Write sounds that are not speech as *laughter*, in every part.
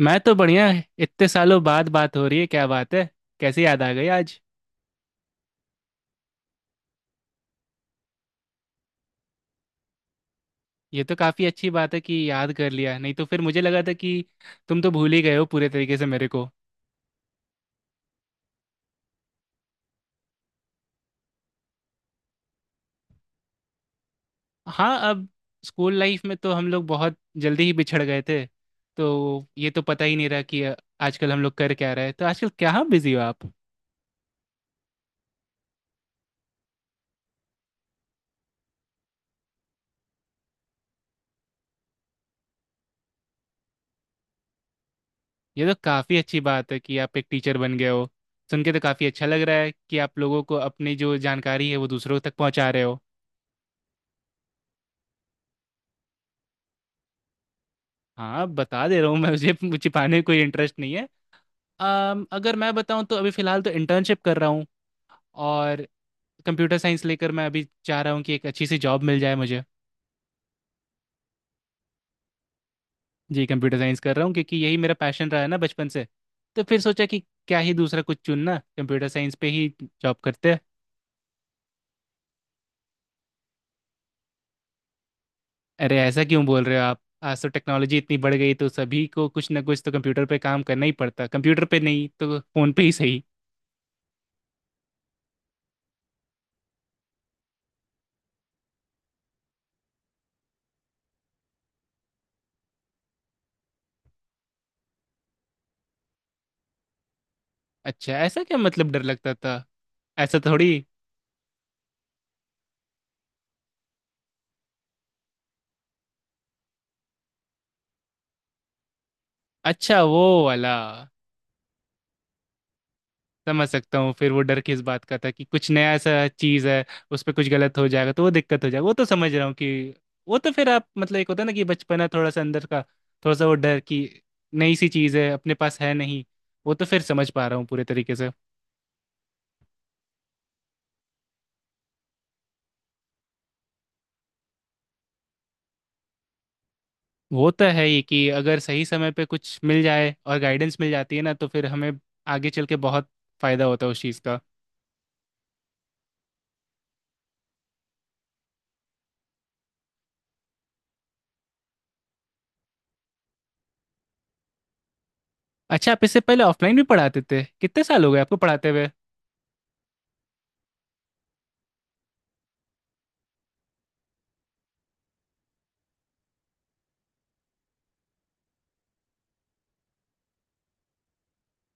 मैं तो बढ़िया है। इतने सालों बाद बात हो रही है, क्या बात है। कैसे याद आ गई आज। ये तो काफी अच्छी बात है कि याद कर लिया, नहीं तो फिर मुझे लगा था कि तुम तो भूल ही गए हो पूरे तरीके से मेरे को। हाँ, अब स्कूल लाइफ में तो हम लोग बहुत जल्दी ही बिछड़ गए थे, तो ये तो पता ही नहीं रहा कि आजकल हम लोग कर क्या रहे हैं। तो आजकल क्या बिजी हो आप। ये तो काफी अच्छी बात है कि आप एक टीचर बन गए हो। सुन के तो काफी अच्छा लग रहा है कि आप लोगों को अपनी जो जानकारी है वो दूसरों तक पहुंचा रहे हो। हाँ बता दे रहा हूँ मैं, मुझे *laughs* छिपाने में कोई इंटरेस्ट नहीं है। अगर मैं बताऊँ तो अभी फ़िलहाल तो इंटर्नशिप कर रहा हूँ। और कंप्यूटर साइंस लेकर मैं अभी चाह रहा हूँ कि एक अच्छी सी जॉब मिल जाए मुझे। जी, कंप्यूटर साइंस कर रहा हूँ क्योंकि यही मेरा पैशन रहा है ना बचपन से। तो फिर सोचा कि क्या ही दूसरा कुछ चुनना, कंप्यूटर साइंस पे ही जॉब करते हैं। अरे ऐसा क्यों बोल रहे हो आप। आज तो टेक्नोलॉजी इतनी बढ़ गई, तो सभी को कुछ ना कुछ तो कंप्यूटर पे काम करना ही पड़ता। कंप्यूटर पे नहीं तो फोन पे ही सही। अच्छा, ऐसा क्या मतलब डर लगता था। ऐसा थोड़ी। अच्छा वो वाला, समझ सकता हूँ। फिर वो डर किस बात का था कि कुछ नया सा चीज़ है, उस पर कुछ गलत हो जाएगा तो वो दिक्कत हो जाएगा। वो तो समझ रहा हूँ कि वो तो फिर आप मतलब, एक होता है ना कि बचपना थोड़ा सा अंदर का, थोड़ा सा वो डर कि नई सी चीज़ है अपने पास है नहीं। वो तो फिर समझ पा रहा हूँ पूरे तरीके से। वो तो है ही कि अगर सही समय पे कुछ मिल जाए और गाइडेंस मिल जाती है ना, तो फिर हमें आगे चल के बहुत फायदा होता है उस चीज़ का। अच्छा, आप इससे पहले ऑफलाइन भी पढ़ाते थे। कितने साल हो गए आपको पढ़ाते हुए।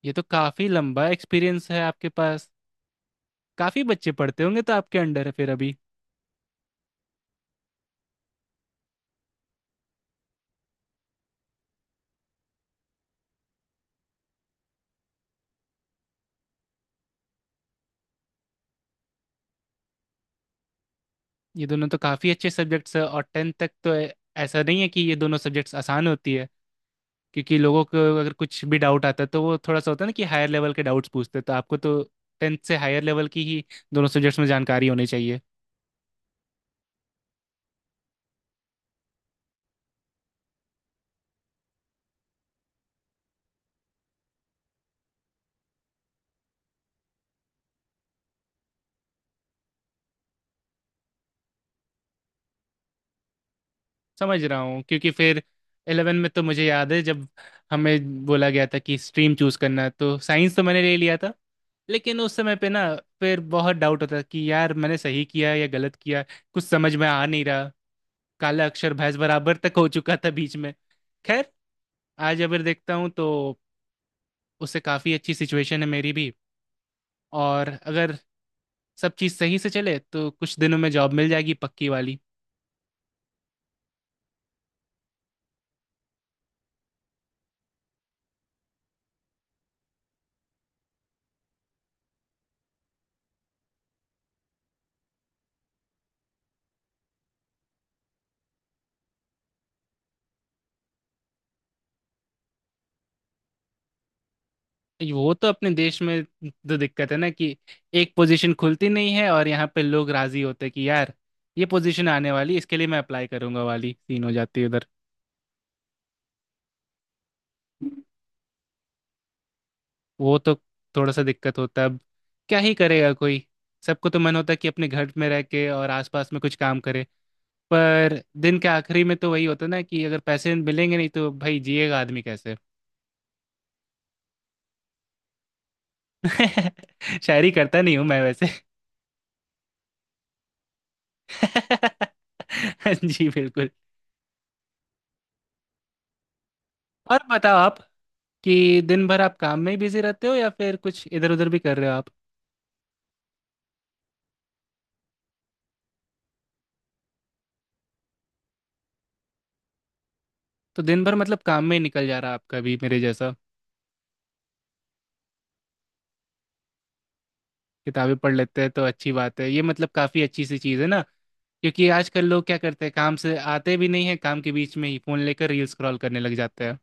ये तो काफी लंबा एक्सपीरियंस है आपके पास। काफी बच्चे पढ़ते होंगे तो आपके अंडर है फिर अभी। ये दोनों तो काफी अच्छे सब्जेक्ट्स है, और टेंथ तक तो ऐसा नहीं है कि ये दोनों सब्जेक्ट्स आसान होती है। क्योंकि लोगों को अगर कुछ भी डाउट आता है तो वो थोड़ा सा होता है ना कि हायर लेवल के डाउट्स पूछते हैं, तो आपको तो टेंथ से हायर लेवल की ही दोनों सब्जेक्ट्स में जानकारी होनी चाहिए। समझ रहा हूँ, क्योंकि फिर इलेवन में तो मुझे याद है जब हमें बोला गया था कि स्ट्रीम चूज करना है, तो साइंस तो मैंने ले लिया था। लेकिन उस समय पे ना, फिर बहुत डाउट होता कि यार मैंने सही किया या गलत किया। कुछ समझ में आ नहीं रहा, काला अक्षर भैंस बराबर तक हो चुका था बीच में। खैर, आज अगर देखता हूँ तो उससे काफ़ी अच्छी सिचुएशन है मेरी भी। और अगर सब चीज़ सही से चले तो कुछ दिनों में जॉब मिल जाएगी पक्की वाली। वो तो अपने देश में तो दिक्कत है ना कि एक पोजीशन खुलती नहीं है और यहाँ पे लोग राजी होते कि यार, ये पोजीशन आने वाली, इसके लिए मैं अप्लाई करूंगा वाली सीन हो जाती है उधर। वो तो थोड़ा सा दिक्कत होता है। अब क्या ही करेगा कोई। सबको तो मन होता है कि अपने घर में रह के और आसपास में कुछ काम करे, पर दिन के आखिरी में तो वही होता है ना कि अगर पैसे मिलेंगे नहीं तो भाई जिएगा आदमी कैसे। *laughs* शायरी करता नहीं हूँ मैं वैसे। *laughs* जी बिल्कुल। और बताओ आप कि दिन भर आप काम में ही बिजी रहते हो या फिर कुछ इधर उधर भी कर रहे हो आप। तो दिन भर मतलब काम में ही निकल जा रहा है आपका भी मेरे जैसा। किताबें पढ़ लेते हैं तो अच्छी बात है, ये मतलब काफी अच्छी सी चीज़ है ना। क्योंकि आजकल लोग क्या करते हैं, काम से आते भी नहीं है, काम के बीच में ही फोन लेकर रील स्क्रॉल करने लग जाते हैं।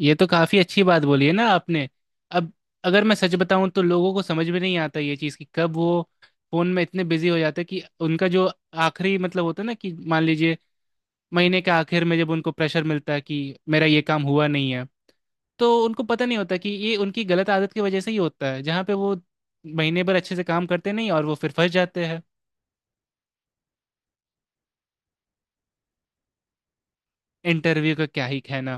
ये तो काफी अच्छी बात बोली है ना आपने। अब अगर मैं सच बताऊं तो लोगों को समझ में नहीं आता ये चीज़ कि कब वो फोन में इतने बिजी हो जाते हैं कि उनका जो आखिरी मतलब होता है ना, कि मान लीजिए महीने के आखिर में जब उनको प्रेशर मिलता है कि मेरा ये काम हुआ नहीं है, तो उनको पता नहीं होता कि ये उनकी गलत आदत की वजह से ही होता है, जहाँ पे वो महीने भर अच्छे से काम करते नहीं और वो फिर फंस जाते हैं। इंटरव्यू का क्या ही कहना।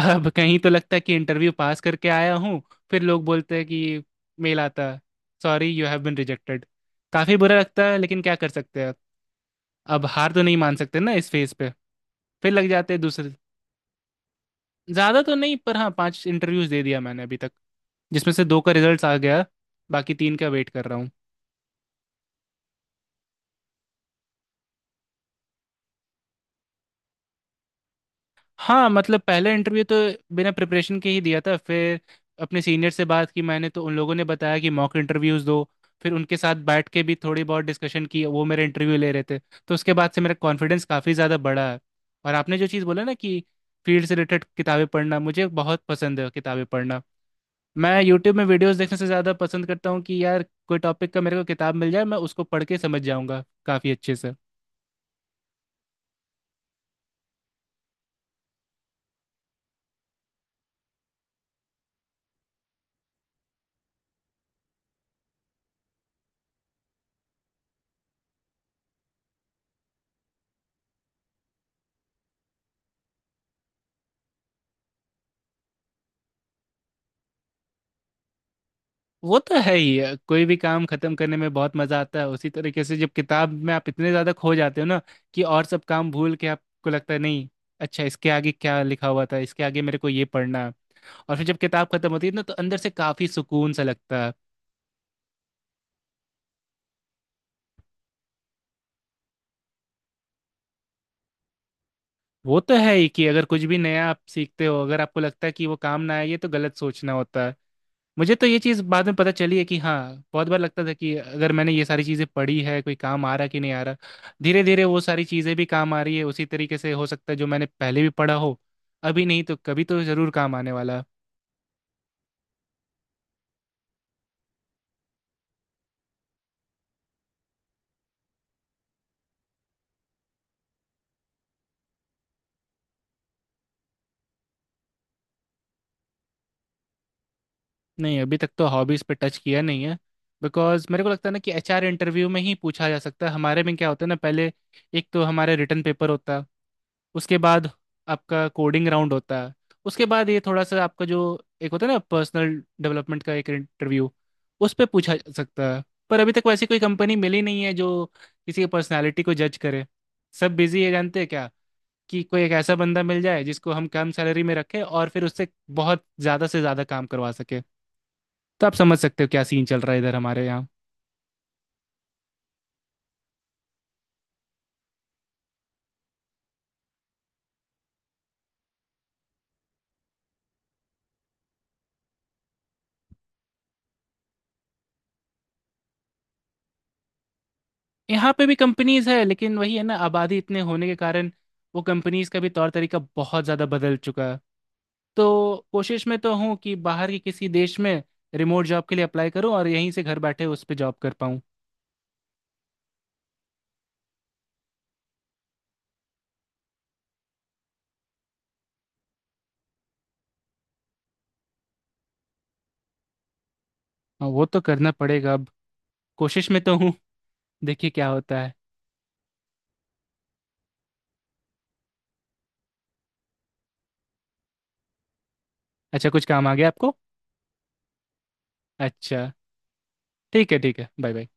अब कहीं तो लगता है कि इंटरव्यू पास करके आया हूँ, फिर लोग बोलते हैं कि मेल आता है, sorry you have been rejected. काफी बुरा लगता है, लेकिन क्या कर सकते हैं। अब हार तो नहीं मान सकते ना इस फेज पे। फिर लग जाते हैं दूसरे। ज्यादा तो नहीं पर हाँ, 5 इंटरव्यूज दे दिया मैंने अभी तक, जिसमें से 2 का रिजल्ट आ गया, बाकी 3 का वेट कर रहा हूँ। हाँ मतलब, पहला इंटरव्यू तो बिना प्रिपरेशन के ही दिया था। फिर अपने सीनियर से बात की मैंने, तो उन लोगों ने बताया कि मॉक इंटरव्यूज़ दो। फिर उनके साथ बैठ के भी थोड़ी बहुत डिस्कशन की, वो मेरे इंटरव्यू ले रहे थे, तो उसके बाद से मेरा कॉन्फिडेंस काफ़ी ज़्यादा बढ़ा है। और आपने जो चीज़ बोला ना कि फील्ड से रिलेटेड किताबें पढ़ना, मुझे बहुत पसंद है किताबें पढ़ना। मैं यूट्यूब में वीडियोस देखने से ज़्यादा पसंद करता हूँ कि यार कोई टॉपिक का मेरे को किताब मिल जाए, मैं उसको पढ़ के समझ जाऊँगा काफ़ी अच्छे से। वो तो है ही है। कोई भी काम खत्म करने में बहुत मजा आता है, उसी तरीके से जब किताब में आप इतने ज्यादा खो जाते हो ना कि और सब काम भूल के आपको लगता है नहीं, अच्छा इसके आगे क्या लिखा हुआ था, इसके आगे मेरे को ये पढ़ना है। और फिर जब किताब खत्म होती है ना तो अंदर से काफी सुकून सा लगता है। वो तो है ही कि अगर कुछ भी नया आप सीखते हो, अगर आपको लगता है कि वो काम ना आए, ये तो गलत सोचना होता है। मुझे तो ये चीज़ बाद में पता चली है कि हाँ, बहुत बार लगता था कि अगर मैंने ये सारी चीज़ें पढ़ी है, कोई काम आ रहा कि नहीं आ रहा, धीरे धीरे वो सारी चीज़ें भी काम आ रही है। उसी तरीके से हो सकता है जो मैंने पहले भी पढ़ा हो, अभी नहीं तो कभी तो ज़रूर काम आने वाला है। नहीं, अभी तक तो हॉबीज पे टच किया नहीं है। बिकॉज मेरे को लगता है ना कि एचआर इंटरव्यू में ही पूछा जा सकता है। हमारे में क्या होता है ना, पहले एक तो हमारे रिटर्न पेपर होता है, उसके बाद आपका कोडिंग राउंड होता है, उसके बाद ये थोड़ा सा आपका जो एक होता है ना, पर्सनल डेवलपमेंट का एक इंटरव्यू, उस पे पूछा जा सकता है। पर अभी तक वैसी कोई कंपनी मिली नहीं है जो किसी की पर्सनालिटी को जज करे। सब बिजी है, जानते हैं क्या, कि कोई एक ऐसा बंदा मिल जाए जिसको हम कम सैलरी में रखें और फिर उससे बहुत ज़्यादा से ज़्यादा काम करवा सके। तो आप समझ सकते हो क्या सीन चल रहा है इधर हमारे यहाँ। यहाँ पे भी कंपनीज है, लेकिन वही है ना, आबादी इतने होने के कारण वो कंपनीज का भी तौर तरीका बहुत ज़्यादा बदल चुका है। तो कोशिश में तो हूँ कि बाहर के किसी देश में रिमोट जॉब के लिए अप्लाई करूँ और यहीं से घर बैठे उस पर जॉब कर पाऊँ। हाँ, वो तो करना पड़ेगा अब। कोशिश में तो हूँ, देखिए क्या होता है। अच्छा, कुछ काम आ गया आपको। अच्छा, ठीक है ठीक है, बाय बाय।